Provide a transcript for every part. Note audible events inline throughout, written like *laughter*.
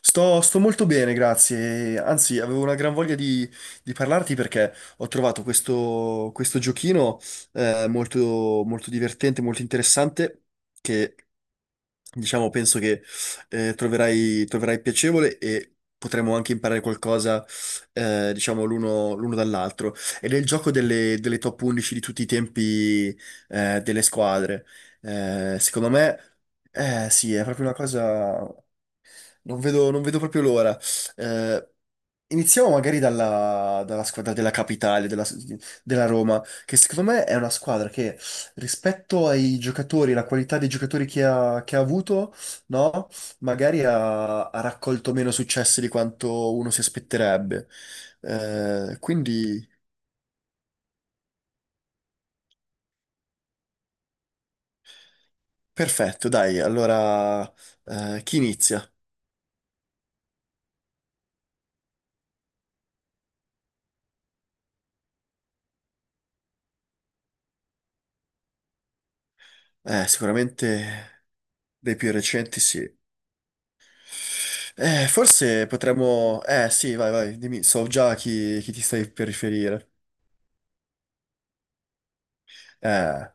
Sto molto bene, grazie. Anzi, avevo una gran voglia di parlarti perché ho trovato questo giochino, molto, molto divertente, molto interessante, che diciamo penso che troverai piacevole, e potremo anche imparare qualcosa, diciamo, l'uno dall'altro. Ed è il gioco delle top 11 di tutti i tempi, delle squadre. Secondo me, sì, è proprio una cosa. Non vedo proprio l'ora. Eh, Iniziamo magari dalla squadra della capitale, della Roma, che secondo me è una squadra che, rispetto ai giocatori, la qualità dei giocatori che ha avuto, no? Magari ha raccolto meno successi di quanto uno si aspetterebbe. Eh, quindi, perfetto, dai. Allora, chi inizia? Sicuramente dei più recenti, sì. Forse potremmo... Eh sì, vai, dimmi, so già chi ti stai per riferire. Eh,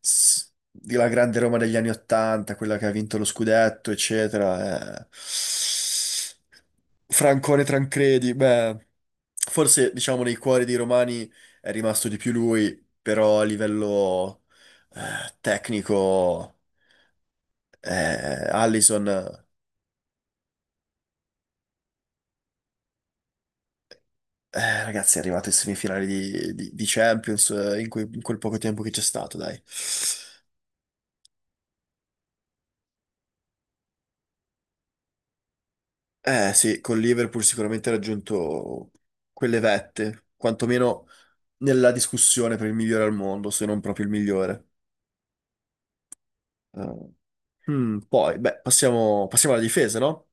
di la grande Roma degli anni Ottanta, quella che ha vinto lo scudetto, eccetera. Francone Tancredi, beh, forse diciamo nei cuori dei romani è rimasto di più lui, però a livello tecnico, Allison. Ragazzi, è arrivato in semifinale di Champions, in quel poco tempo che c'è stato, dai. Eh sì, con Liverpool sicuramente ha raggiunto quelle vette, quantomeno nella discussione per il migliore al mondo, se non proprio il migliore. Eh, Poi, beh, passiamo alla difesa, no?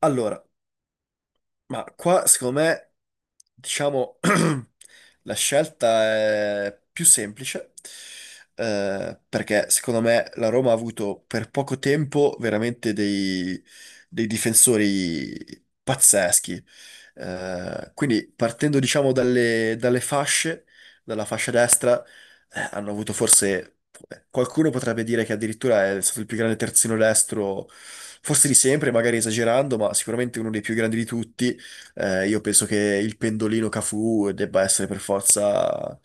Allora, ma qua, secondo me, diciamo, *clears throat* la scelta è più semplice, perché secondo me la Roma ha avuto per poco tempo veramente dei difensori pazzeschi. Quindi partendo, diciamo, dalle fasce, dalla fascia destra, hanno avuto forse... Qualcuno potrebbe dire che addirittura è stato il più grande terzino destro, forse di sempre, magari esagerando, ma sicuramente uno dei più grandi di tutti. Io penso che il pendolino Cafu debba essere per forza...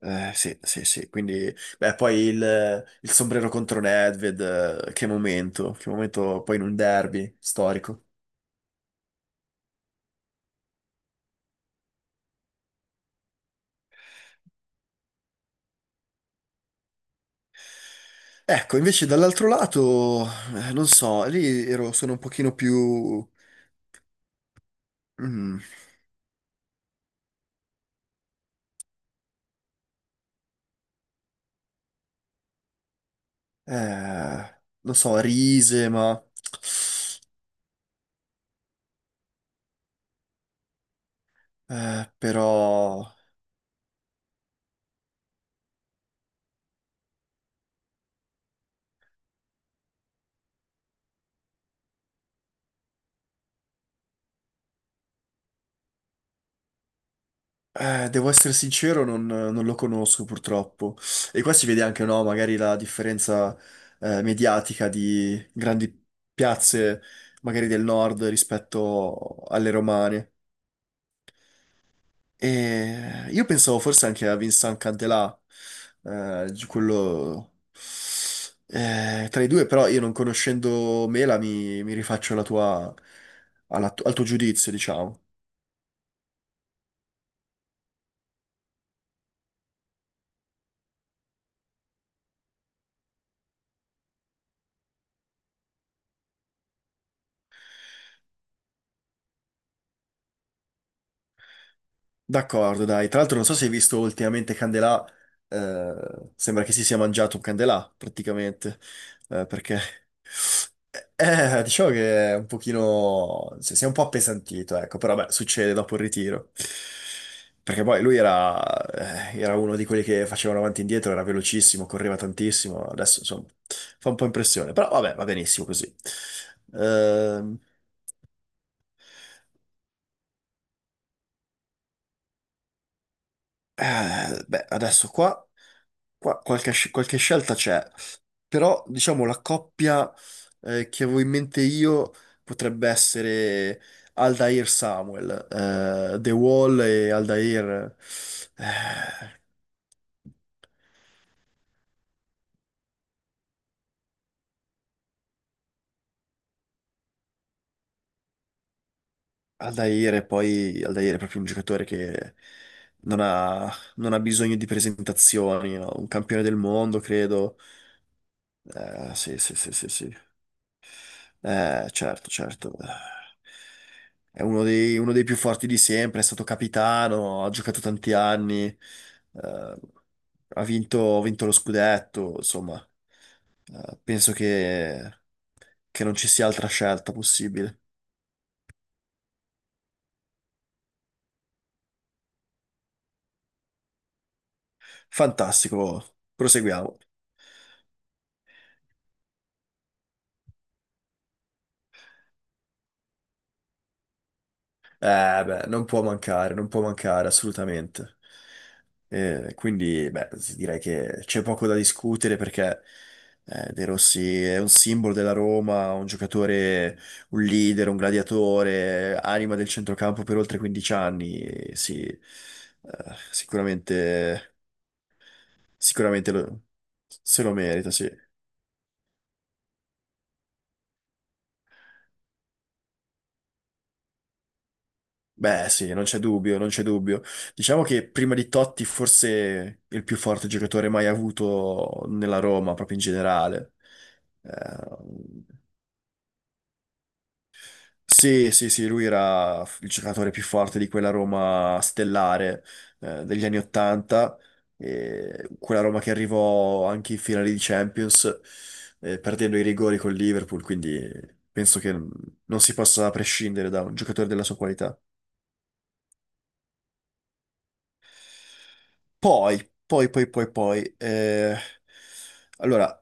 Sì, sì, sì, quindi... Beh, poi il sombrero contro Nedved, che momento poi in un derby storico. Ecco, invece dall'altro lato, non so, lì ero, sono un pochino più... mm, non so, Rise, ma... però... Devo essere sincero, non lo conosco purtroppo. E qua si vede anche, no, magari la differenza mediatica di grandi piazze, magari del nord rispetto alle romane. E io pensavo forse anche a Vincent Candelà, di quello tra i due, però, io non conoscendo Mela, mi rifaccio alla tua- alla tu- al tuo giudizio, diciamo. D'accordo, dai. Tra l'altro non so se hai visto ultimamente Candelà, eh, sembra che si sia mangiato un Candelà, praticamente, perché... diciamo che è un pochino... si è un po' appesantito, ecco, però beh, succede dopo il ritiro. Perché poi lui era, era uno di quelli che facevano avanti e indietro, era velocissimo, correva tantissimo, adesso insomma fa un po' impressione, però vabbè, va benissimo così. Ehm, Beh, adesso qua, qualche scelta c'è. Però, diciamo, la coppia che avevo in mente io potrebbe essere Aldair Samuel, The Wall e Aldair. eh, Aldair è, poi Aldair è proprio un giocatore che non ha, non ha bisogno di presentazioni, no? Un campione del mondo, credo. Sì, sì, sì, sì, sì. Certo, certo. È uno dei più forti di sempre, è stato capitano, ha giocato tanti anni, ha vinto lo scudetto, insomma, penso che non ci sia altra scelta possibile. Fantastico, proseguiamo. Beh, non può mancare, non può mancare assolutamente. Beh, direi che c'è poco da discutere, perché De Rossi è un simbolo della Roma, un giocatore, un leader, un gladiatore, anima del centrocampo per oltre 15 anni. E sì, sicuramente, sicuramente lo- se lo merita, sì. Beh, sì, non c'è dubbio, non c'è dubbio. Diciamo che, prima di Totti, forse il più forte giocatore mai avuto nella Roma, proprio in generale. Eh, sì, sì, sì, lui era il giocatore più forte di quella Roma stellare, degli anni Ottanta, e quella Roma che arrivò anche in finale di Champions, perdendo i rigori col Liverpool, quindi penso che non si possa prescindere da un giocatore della sua qualità. Poi, allora,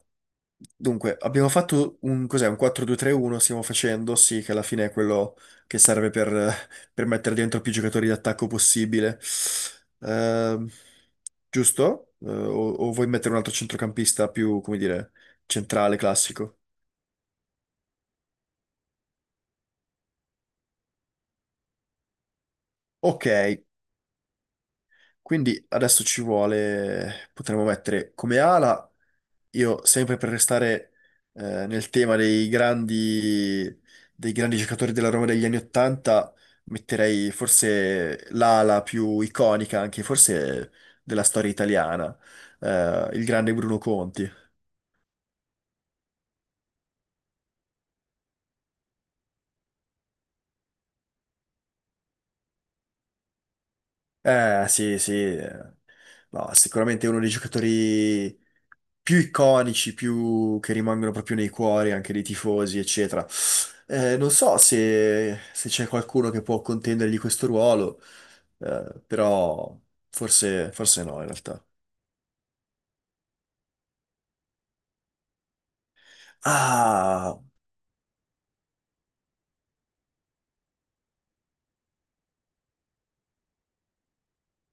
dunque, abbiamo fatto un, cos'è, un 4-2-3-1, stiamo facendo, sì, che alla fine è quello che serve per mettere dentro più giocatori d'attacco possibile, Ehm, giusto? O vuoi mettere un altro centrocampista più, come dire, centrale, classico? Ok, quindi adesso ci vuole, potremmo mettere come ala. Io, sempre per restare nel tema dei grandi giocatori della Roma degli anni Ottanta, metterei forse l'ala più iconica, anche forse della storia italiana, il grande Bruno Conti. Eh sì, sì. No, sicuramente è uno dei giocatori più iconici, più che rimangono proprio nei cuori anche dei tifosi, eccetera. Non so se c'è qualcuno che può contendergli questo ruolo, però forse, forse no, in realtà. Ah!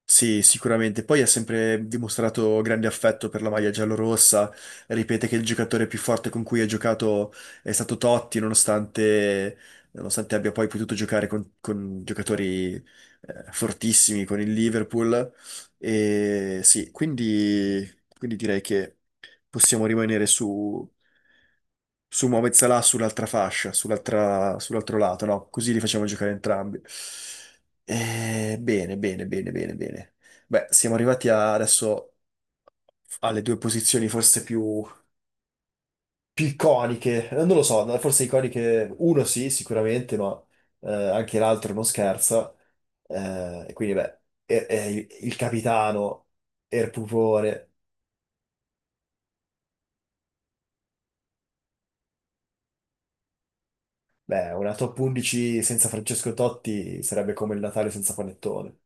Sì, sicuramente. Poi ha sempre dimostrato grande affetto per la maglia giallorossa. Ripete che il giocatore più forte con cui ha giocato è stato Totti, nonostante, nonostante abbia poi potuto giocare con giocatori fortissimi con il Liverpool. E sì, quindi direi che possiamo rimanere su Mohamed Salah sull'altra fascia, sull'altro lato, no? Così li facciamo giocare entrambi. Bene, bene, bene, bene, bene. Beh, siamo arrivati adesso alle due posizioni forse più, più iconiche. Non lo so, no, forse iconiche uno sì, sicuramente, ma anche l'altro non scherza. Beh, è il capitano, è il pupone. Beh, una top 11 senza Francesco Totti sarebbe come il Natale senza panettone.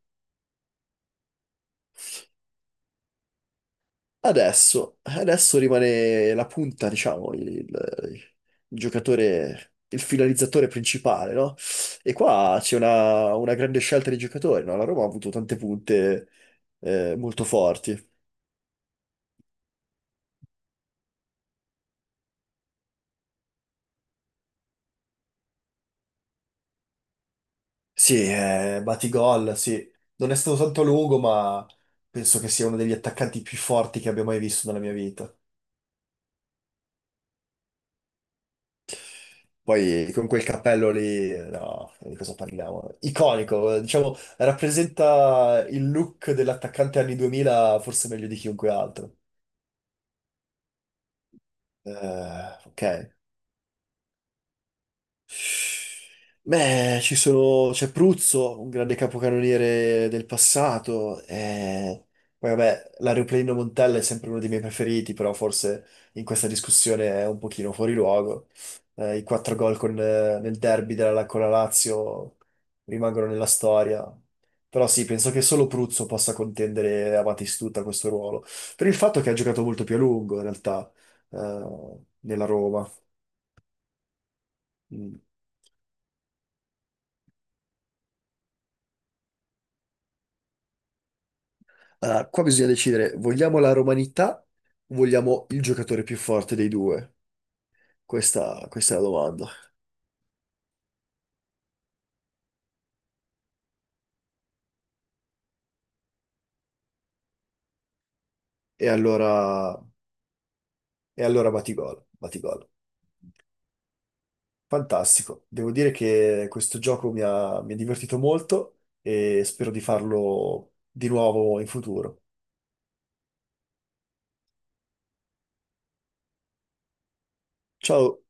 Adesso rimane la punta, diciamo, il giocatore, il finalizzatore principale, no? E qua c'è una grande scelta di giocatori, no? La Roma ha avuto tante punte molto forti. Sì, Batigol, sì. Non è stato tanto lungo, ma penso che sia uno degli attaccanti più forti che abbia mai visto nella mia vita. Poi con quel cappello lì, no, di cosa parliamo? Iconico, diciamo, rappresenta il look dell'attaccante anni 2000 forse meglio di chiunque altro. Ok. Beh, ci sono, c'è Pruzzo, un grande capocannoniere del passato, e poi vabbè, l'aeroplanino Montella è sempre uno dei miei preferiti, però forse in questa discussione è un pochino fuori luogo. I quattro gol nel derby della, con la Lazio, rimangono nella storia, però sì, penso che solo Pruzzo possa contendere a Batistuta questo ruolo, per il fatto che ha giocato molto più a lungo in realtà, nella Roma. Mm. Ah, qua bisogna decidere, vogliamo la romanità o vogliamo il giocatore più forte dei due? Questa è la domanda. E allora, e allora, Batigol, Batigol. Fantastico. Devo dire che questo gioco mi ha divertito molto e spero di farlo di nuovo in futuro. Ciao.